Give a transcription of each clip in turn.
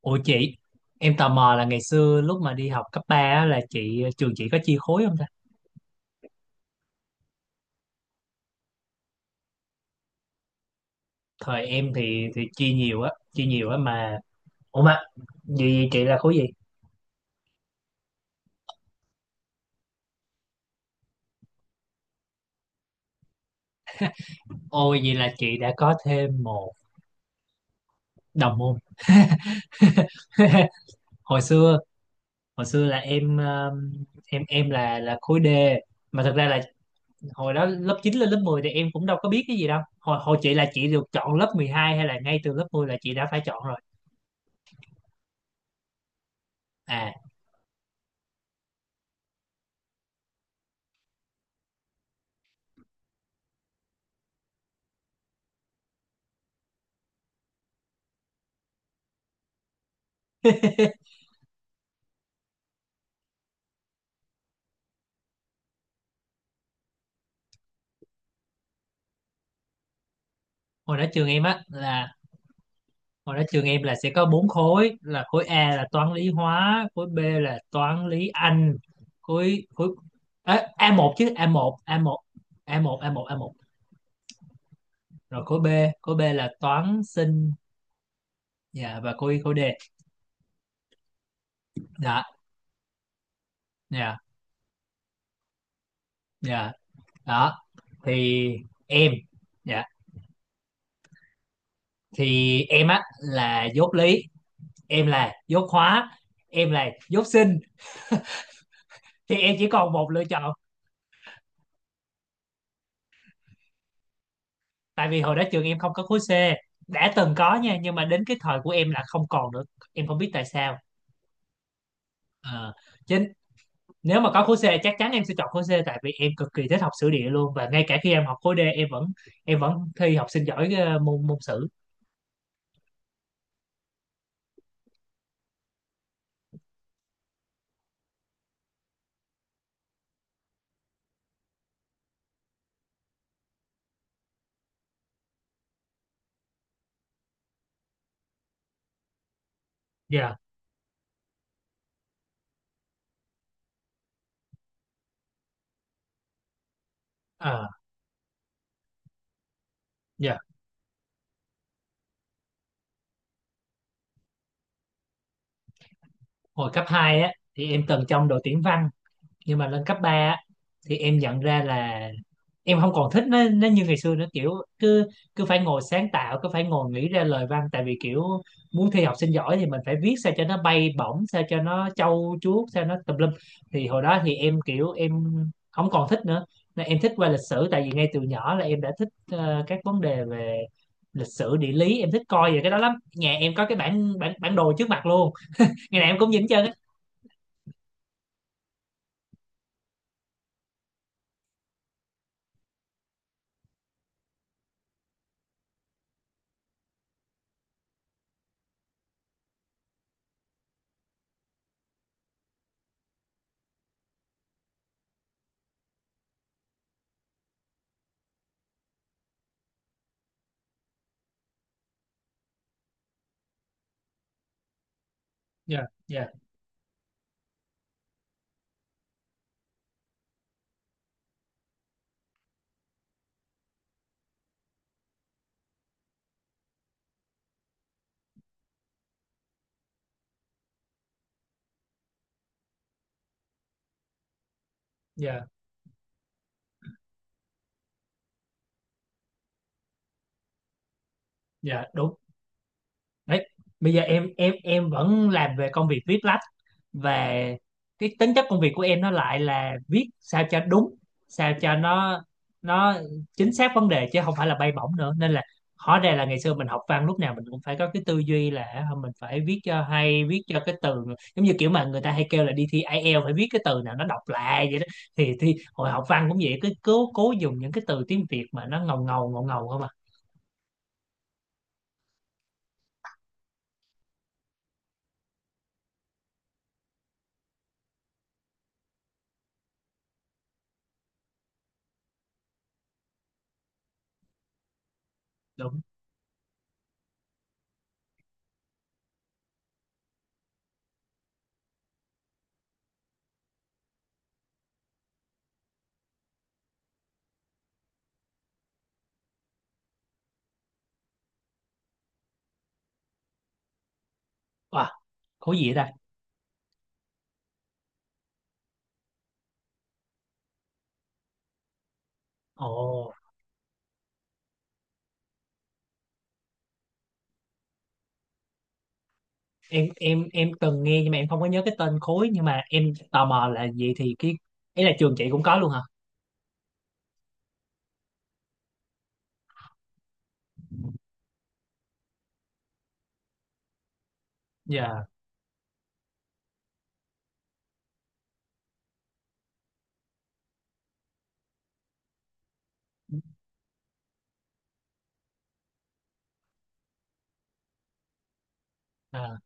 Ủa chị, em tò mò là ngày xưa lúc mà đi học cấp 3 á, là chị trường chị có chia khối không ta? Thời em thì chia nhiều á mà. Ủa mà vậy chị là khối gì? Ôi vậy là chị đã có thêm một đồng môn. Hồi xưa, hồi xưa là em em là khối D, mà thật ra là hồi đó lớp 9 lên lớp 10 thì em cũng đâu có biết cái gì đâu. Hồi hồi chị là chị được chọn lớp 12 hay là ngay từ lớp 10 là chị đã phải chọn rồi. À, hồi đó trường em á là, hồi đó trường em là sẽ có bốn khối là khối A là toán lý hóa, khối B là toán lý Anh, khối khối Ê, a một chứ a một a một a một a một a một, rồi khối B, khối B là toán sinh. Dạ, và khối khối D. Dạ. Dạ. Dạ. Đó thì em, dạ, thì em á là dốt lý, em là dốt hóa, em là dốt sinh, thì em chỉ còn một lựa chọn. Tại vì hồi đó trường em không có khối C, đã từng có nha nhưng mà đến cái thời của em là không còn nữa, em không biết tại sao. Ờ, chính, nếu mà có khối C chắc chắn em sẽ chọn khối C tại vì em cực kỳ thích học sử địa luôn, và ngay cả khi em học khối D em vẫn, em vẫn thi học sinh giỏi môn môn sử. Dạ. Ờ. Dạ. Hồi cấp 2 á thì em từng trong đội tuyển văn, nhưng mà lên cấp 3 á, thì em nhận ra là em không còn thích nó như ngày xưa nữa, kiểu cứ cứ phải ngồi sáng tạo, cứ phải ngồi nghĩ ra lời văn, tại vì kiểu muốn thi học sinh giỏi thì mình phải viết sao cho nó bay bổng, sao cho nó trâu chuốt, sao nó tùm lum, thì hồi đó thì em kiểu em không còn thích nữa. Nên em thích qua lịch sử, tại vì ngay từ nhỏ là em đã thích các vấn đề về lịch sử địa lý, em thích coi về cái đó lắm, nhà em có cái bản bản bản đồ trước mặt luôn, ngày nào em cũng nhìn hết trơn á. Dạ. Dạ. Dạ. Dạ đúng. Đấy, bây giờ em vẫn làm về công việc viết lách, và cái tính chất công việc của em nó lại là viết sao cho đúng, sao cho nó chính xác vấn đề chứ không phải là bay bổng nữa, nên là hóa ra là ngày xưa mình học văn lúc nào mình cũng phải có cái tư duy là mình phải viết cho hay, viết cho cái từ giống như kiểu mà người ta hay kêu là đi thi IELTS phải viết cái từ nào nó đọc lạ vậy đó, thì hồi học văn cũng vậy, cứ cố cố dùng những cái từ tiếng Việt mà nó ngầu ngầu ngầu ngầu không à. Đúng. À, khối gì vậy ta? Ồ, em từng nghe nhưng mà em không có nhớ cái tên khối, nhưng mà em tò mò là vậy thì cái ấy là trường chị cũng có luôn hả? Dạ. À,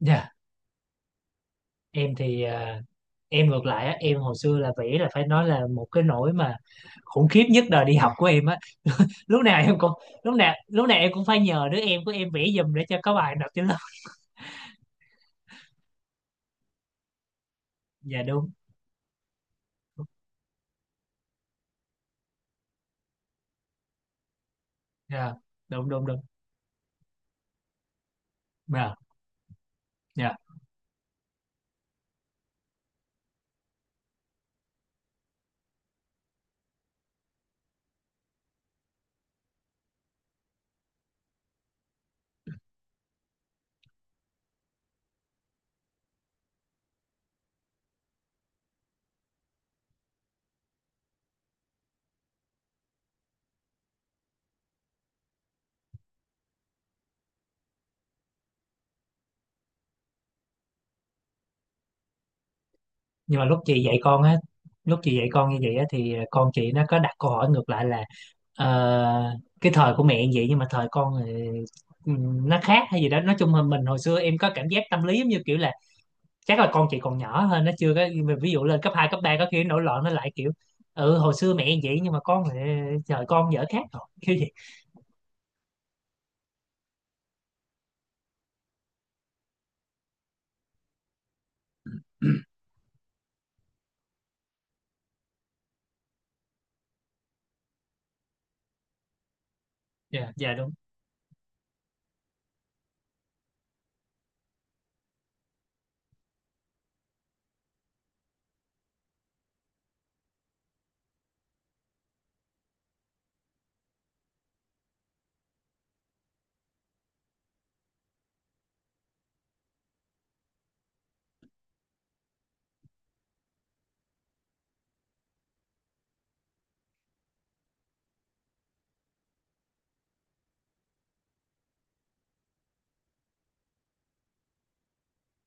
dạ, em thì à, em ngược lại á, em hồi xưa là vẽ là phải nói là một cái nỗi mà khủng khiếp nhất đời đi học của em á, lúc nào em cũng, lúc nào em cũng phải nhờ đứa em của em vẽ giùm để cho có bài nộp trên lớp. Dạ đúng. Dạ. Đúng đúng đúng. Dạ. Dạ. Nhưng mà lúc chị dạy con á, lúc chị dạy con như vậy á thì con chị nó có đặt câu hỏi ngược lại là ờ, cái thời của mẹ như vậy nhưng mà thời con thì nó khác hay gì đó, nói chung là mình hồi xưa em có cảm giác tâm lý giống như kiểu là chắc là con chị còn nhỏ hơn, nó chưa có, ví dụ lên cấp 2 cấp 3 có khi nó nổi loạn, nó lại kiểu ừ hồi xưa mẹ như vậy nhưng mà con thì thời con dở khác rồi kiểu gì. Dạ. Dạ đúng.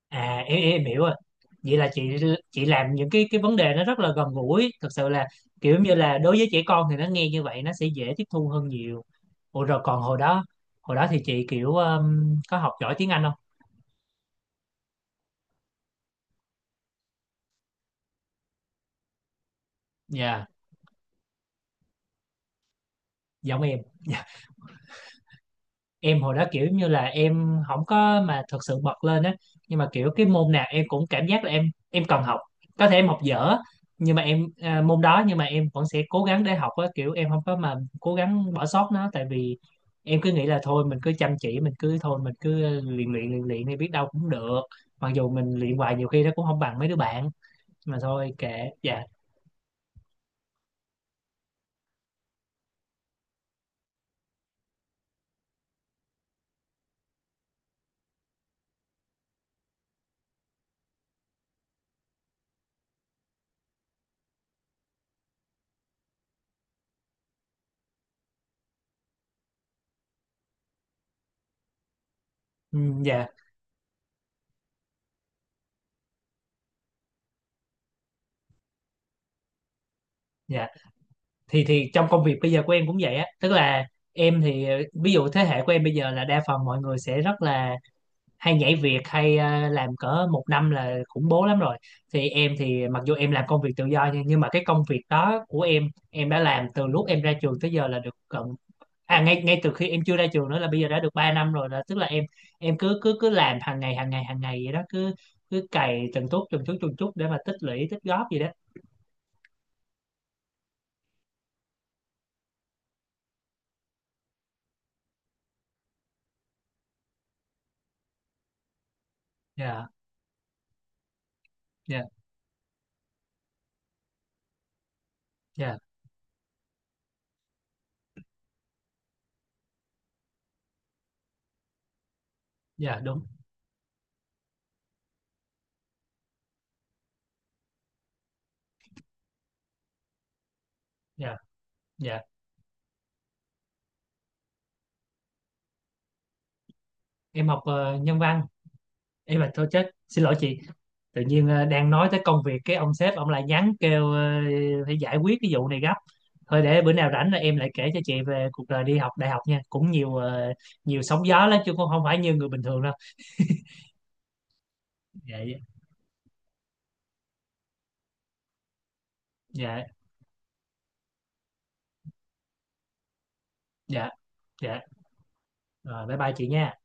À em, em hiểu rồi. Vậy là chị làm những cái vấn đề nó rất là gần gũi, thật sự là kiểu như là đối với trẻ con thì nó nghe như vậy nó sẽ dễ tiếp thu hơn nhiều. Ủa rồi còn hồi đó thì chị kiểu có học giỏi tiếng Anh không? Dạ, giống em. Em hồi đó kiểu như là em không có mà thật sự bật lên á, nhưng mà kiểu cái môn nào em cũng cảm giác là em cần học, có thể em học dở, nhưng mà em à, môn đó, nhưng mà em vẫn sẽ cố gắng để học á, kiểu em không có mà cố gắng bỏ sót nó, tại vì em cứ nghĩ là thôi mình cứ chăm chỉ, mình cứ thôi mình cứ luyện luyện luyện luyện đi, biết đâu cũng được, mặc dù mình luyện hoài nhiều khi nó cũng không bằng mấy đứa bạn, mà thôi kệ. Dạ. Ừ. Dạ. Dạ. Thì trong công việc bây giờ của em cũng vậy á, tức là em thì ví dụ thế hệ của em bây giờ là đa phần mọi người sẽ rất là hay nhảy việc, hay làm cỡ một năm là khủng bố lắm rồi, thì em thì mặc dù em làm công việc tự do, nhưng mà cái công việc đó của em đã làm từ lúc em ra trường tới giờ là được gần, à ngay, ngay từ khi em chưa ra trường nữa, là bây giờ đã được 3 năm rồi, là tức là em cứ cứ cứ làm hàng ngày vậy đó, cứ cứ cày từng chút để mà tích lũy tích góp gì đó. Dạ. Dạ. Dạ. Dạ đúng. Dạ. Dạ. Em học nhân văn. Em là thôi chết, xin lỗi chị, tự nhiên đang nói tới công việc cái ông sếp ông lại nhắn kêu phải giải quyết cái vụ này gấp. Thôi để bữa nào rảnh là em lại kể cho chị về cuộc đời đi học đại học nha, cũng nhiều nhiều sóng gió lắm chứ không, không phải như người bình thường đâu. Dạ. Dạ. Dạ. Dạ. Rồi, bye bye chị nha.